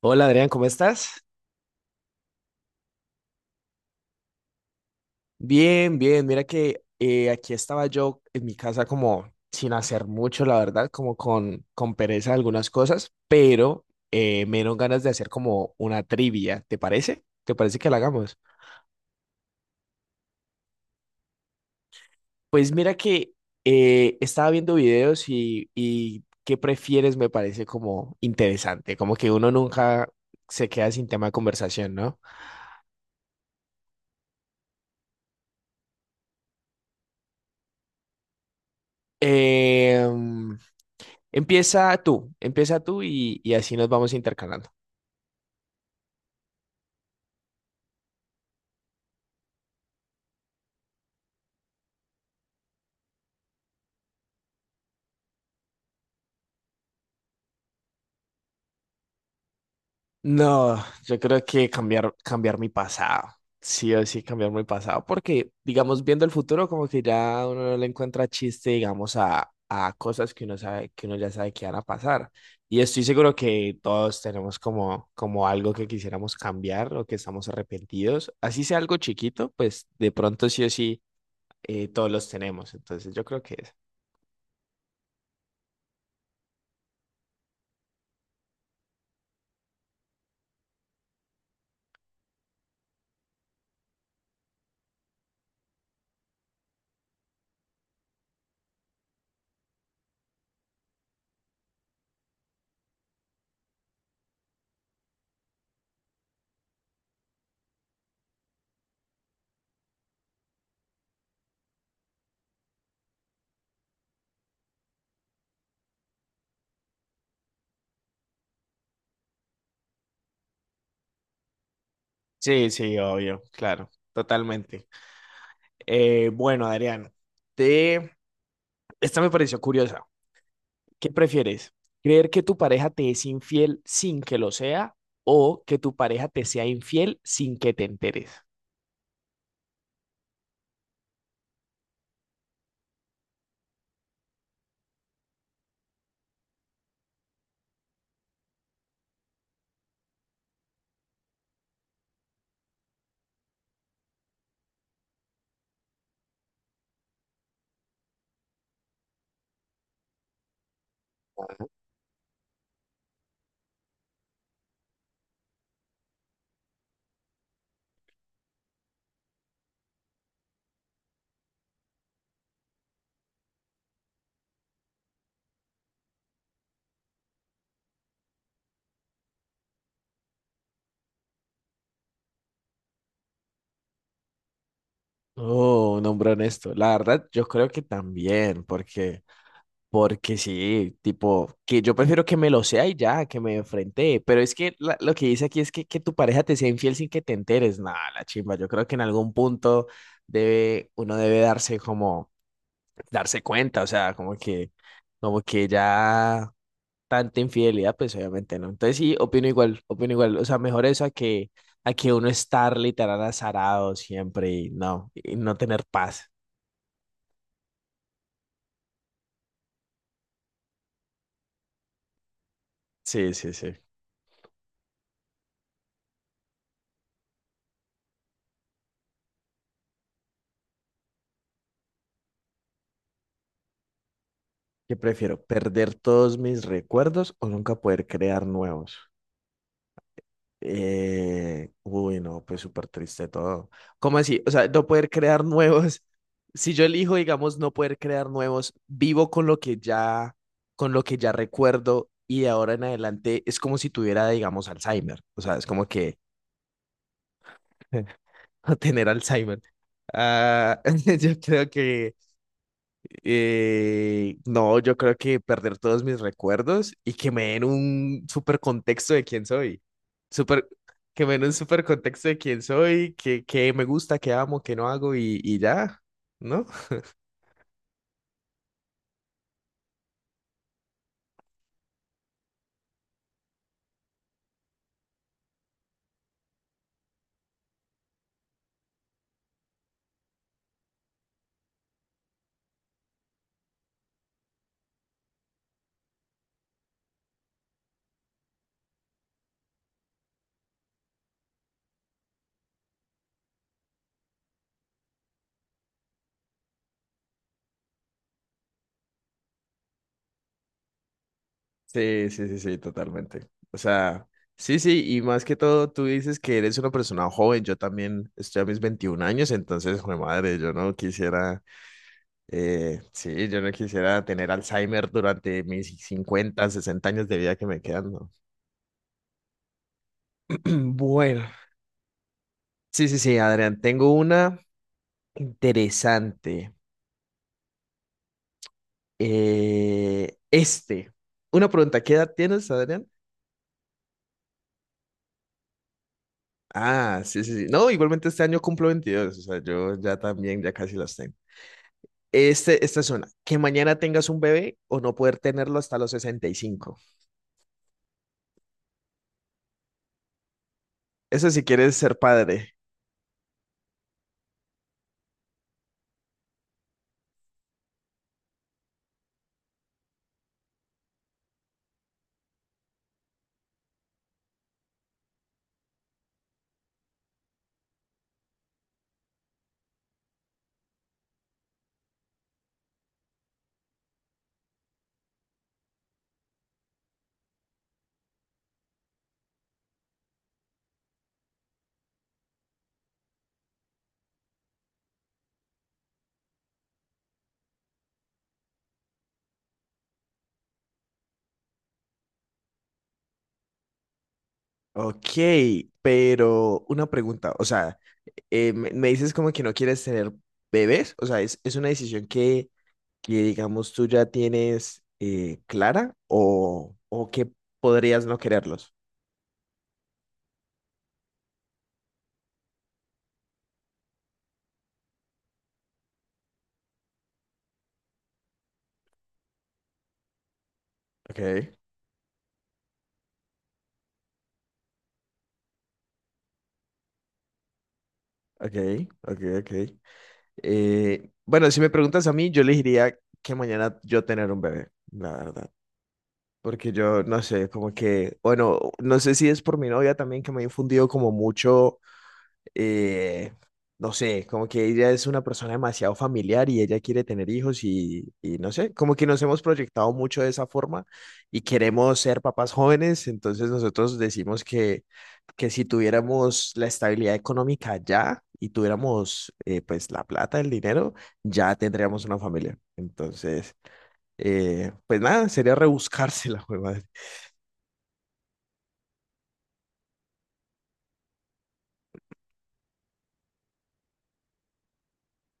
Hola Adrián, ¿cómo estás? Bien, bien. Mira que aquí estaba yo en mi casa como sin hacer mucho, la verdad, como con pereza de algunas cosas, pero me dieron ganas de hacer como una trivia, ¿te parece? ¿Te parece que la hagamos? Pues mira que estaba viendo videos y qué prefieres me parece como interesante, como que uno nunca se queda sin tema de conversación, ¿no? Em, empieza tú y así nos vamos intercalando. No, yo creo que cambiar, cambiar mi pasado. Sí o sí, cambiar mi pasado. Porque, digamos, viendo el futuro, como que ya uno no le encuentra chiste, digamos, a cosas que uno sabe, que uno ya sabe que van a pasar. Y estoy seguro que todos tenemos como, como algo que quisiéramos cambiar o que estamos arrepentidos. Así sea algo chiquito, pues de pronto sí o sí, todos los tenemos. Entonces, yo creo que es. Sí, sí, obvio, claro, totalmente. Bueno, Adrián, te... esta me pareció curiosa. ¿Qué prefieres? ¿Creer que tu pareja te es infiel sin que lo sea o que tu pareja te sea infiel sin que te enteres? Oh, un hombre honesto. La verdad, yo creo que también, porque, porque sí, tipo, que yo prefiero que me lo sea y ya, que me enfrente. Pero es que lo que dice aquí es que tu pareja te sea infiel sin que te enteres. Nada, la chimba. Yo creo que en algún punto debe, uno debe darse como, darse cuenta, o sea, como que ya tanta infidelidad, pues obviamente no. Entonces sí, opino igual, opino igual. O sea, mejor eso a que uno estar literal azarado siempre y no tener paz. Sí, sí, sí. ¿Qué prefiero? ¿Perder todos mis recuerdos o nunca poder crear nuevos? Uy, no, pues súper triste todo. ¿Cómo así? O sea, no poder crear nuevos. Si yo elijo, digamos, no poder crear nuevos, vivo con lo que ya, con lo que ya recuerdo y de ahora en adelante es como si tuviera, digamos, Alzheimer. O sea, es como que tener Alzheimer. Ah, yo creo que no, yo creo que perder todos mis recuerdos y que me den un súper contexto de quién soy. Súper, que me den un súper contexto de quién soy, que me gusta, que amo, que no hago y ya, ¿no? Sí, sí, sí, sí, totalmente. O sea, sí, sí, y más que todo, tú dices que eres una persona joven, yo también estoy a mis 21 años, entonces, jue madre, yo no quisiera, sí, yo no quisiera tener Alzheimer durante mis 50 60 años de vida que me quedan, ¿no? Bueno, sí, sí, sí, Adrián, tengo una interesante. Eh, este, una pregunta, ¿qué edad tienes, Adrián? Ah, sí, sí, sí. No, igualmente este año cumplo 22, o sea, yo ya también, ya casi las tengo. Este, esta es una, ¿que mañana tengas un bebé o no poder tenerlo hasta los 65? Eso si quieres ser padre. Ok, pero una pregunta, o sea, me, me dices como que no quieres tener bebés, o sea, es una decisión que digamos tú ya tienes clara o que podrías no quererlos. Ok, ok, ok, ok. Bueno, si me preguntas a mí, yo le diría que mañana yo tener un bebé, la verdad. Porque yo no sé, como que, bueno, no sé si es por mi novia también que me ha infundido como mucho eh, no sé, como que ella es una persona demasiado familiar y ella quiere tener hijos y no sé, como que nos hemos proyectado mucho de esa forma y queremos ser papás jóvenes, entonces nosotros decimos que si tuviéramos la estabilidad económica ya y tuviéramos pues la plata, el dinero, ya tendríamos una familia. Entonces, pues nada, sería rebuscarse la madre.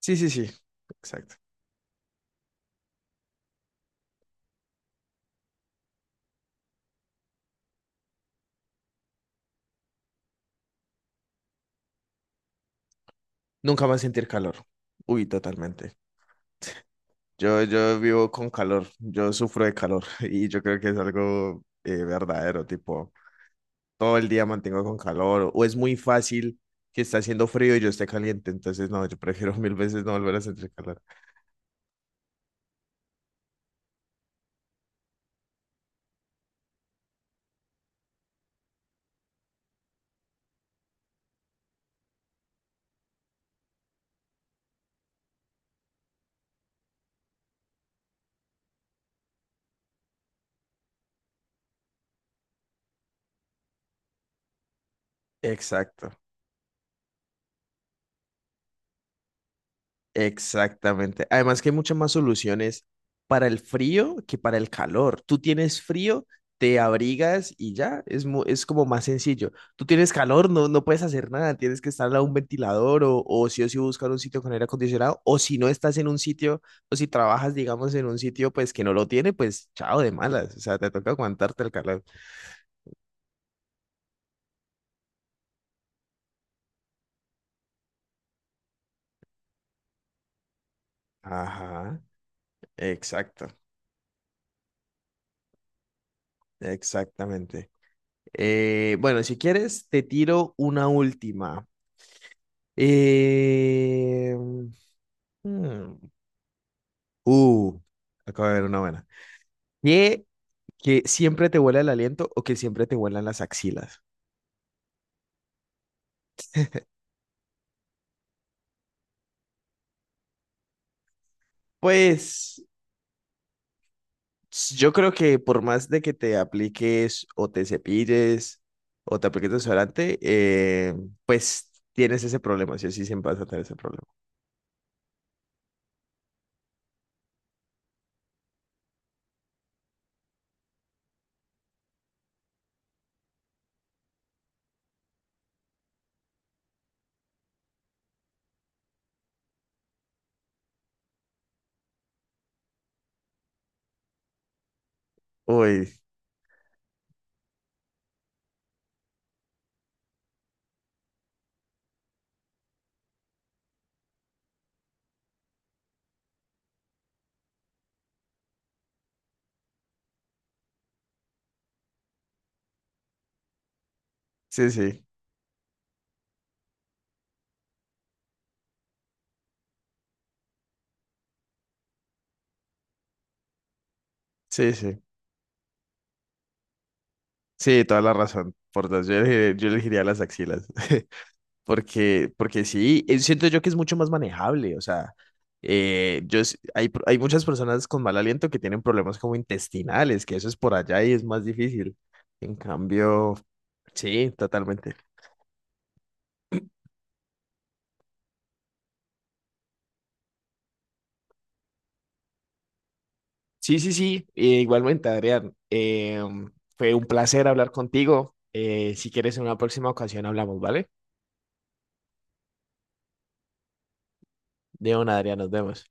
Sí, sí, sí, exacto. Nunca más sentir calor. Uy, totalmente. Yo vivo con calor, yo sufro de calor y yo creo que es algo verdadero, tipo, todo el día mantengo con calor o es muy fácil que está haciendo frío y yo esté caliente, entonces no, yo prefiero mil veces no volver a sentir calor. Exacto. Exactamente. Además que hay muchas más soluciones para el frío que para el calor. Tú tienes frío, te abrigas y ya, es, es como más sencillo. Tú tienes calor, no, no puedes hacer nada, tienes que estar a un ventilador o sí o sí buscar un sitio con aire acondicionado o si no estás en un sitio o si trabajas, digamos, en un sitio pues que no lo tiene, pues chao de malas, o sea, te toca aguantarte el calor. Ajá, exacto, exactamente. Bueno, si quieres, te tiro una última. Eh, hmm, uh, acabo de ver una buena. ¿Qué, que siempre te huele el aliento o que siempre te huelan las axilas? Pues yo creo que por más de que te apliques o te cepilles o te apliques desodorante, pues tienes ese problema, sí o sí siempre vas a tener ese problema. Uy, sí, sí, sí, sí. Sí, toda la razón. Por dos, yo elegiría las axilas. Porque, porque sí, siento yo que es mucho más manejable, o sea, hay, hay muchas personas con mal aliento que tienen problemas como intestinales, que eso es por allá y es más difícil. En cambio, sí, totalmente. Sí, sí, sí, igualmente, Adrián. Fue un placer hablar contigo. Si quieres, en una próxima ocasión hablamos, ¿vale? De una, Adrián, nos vemos.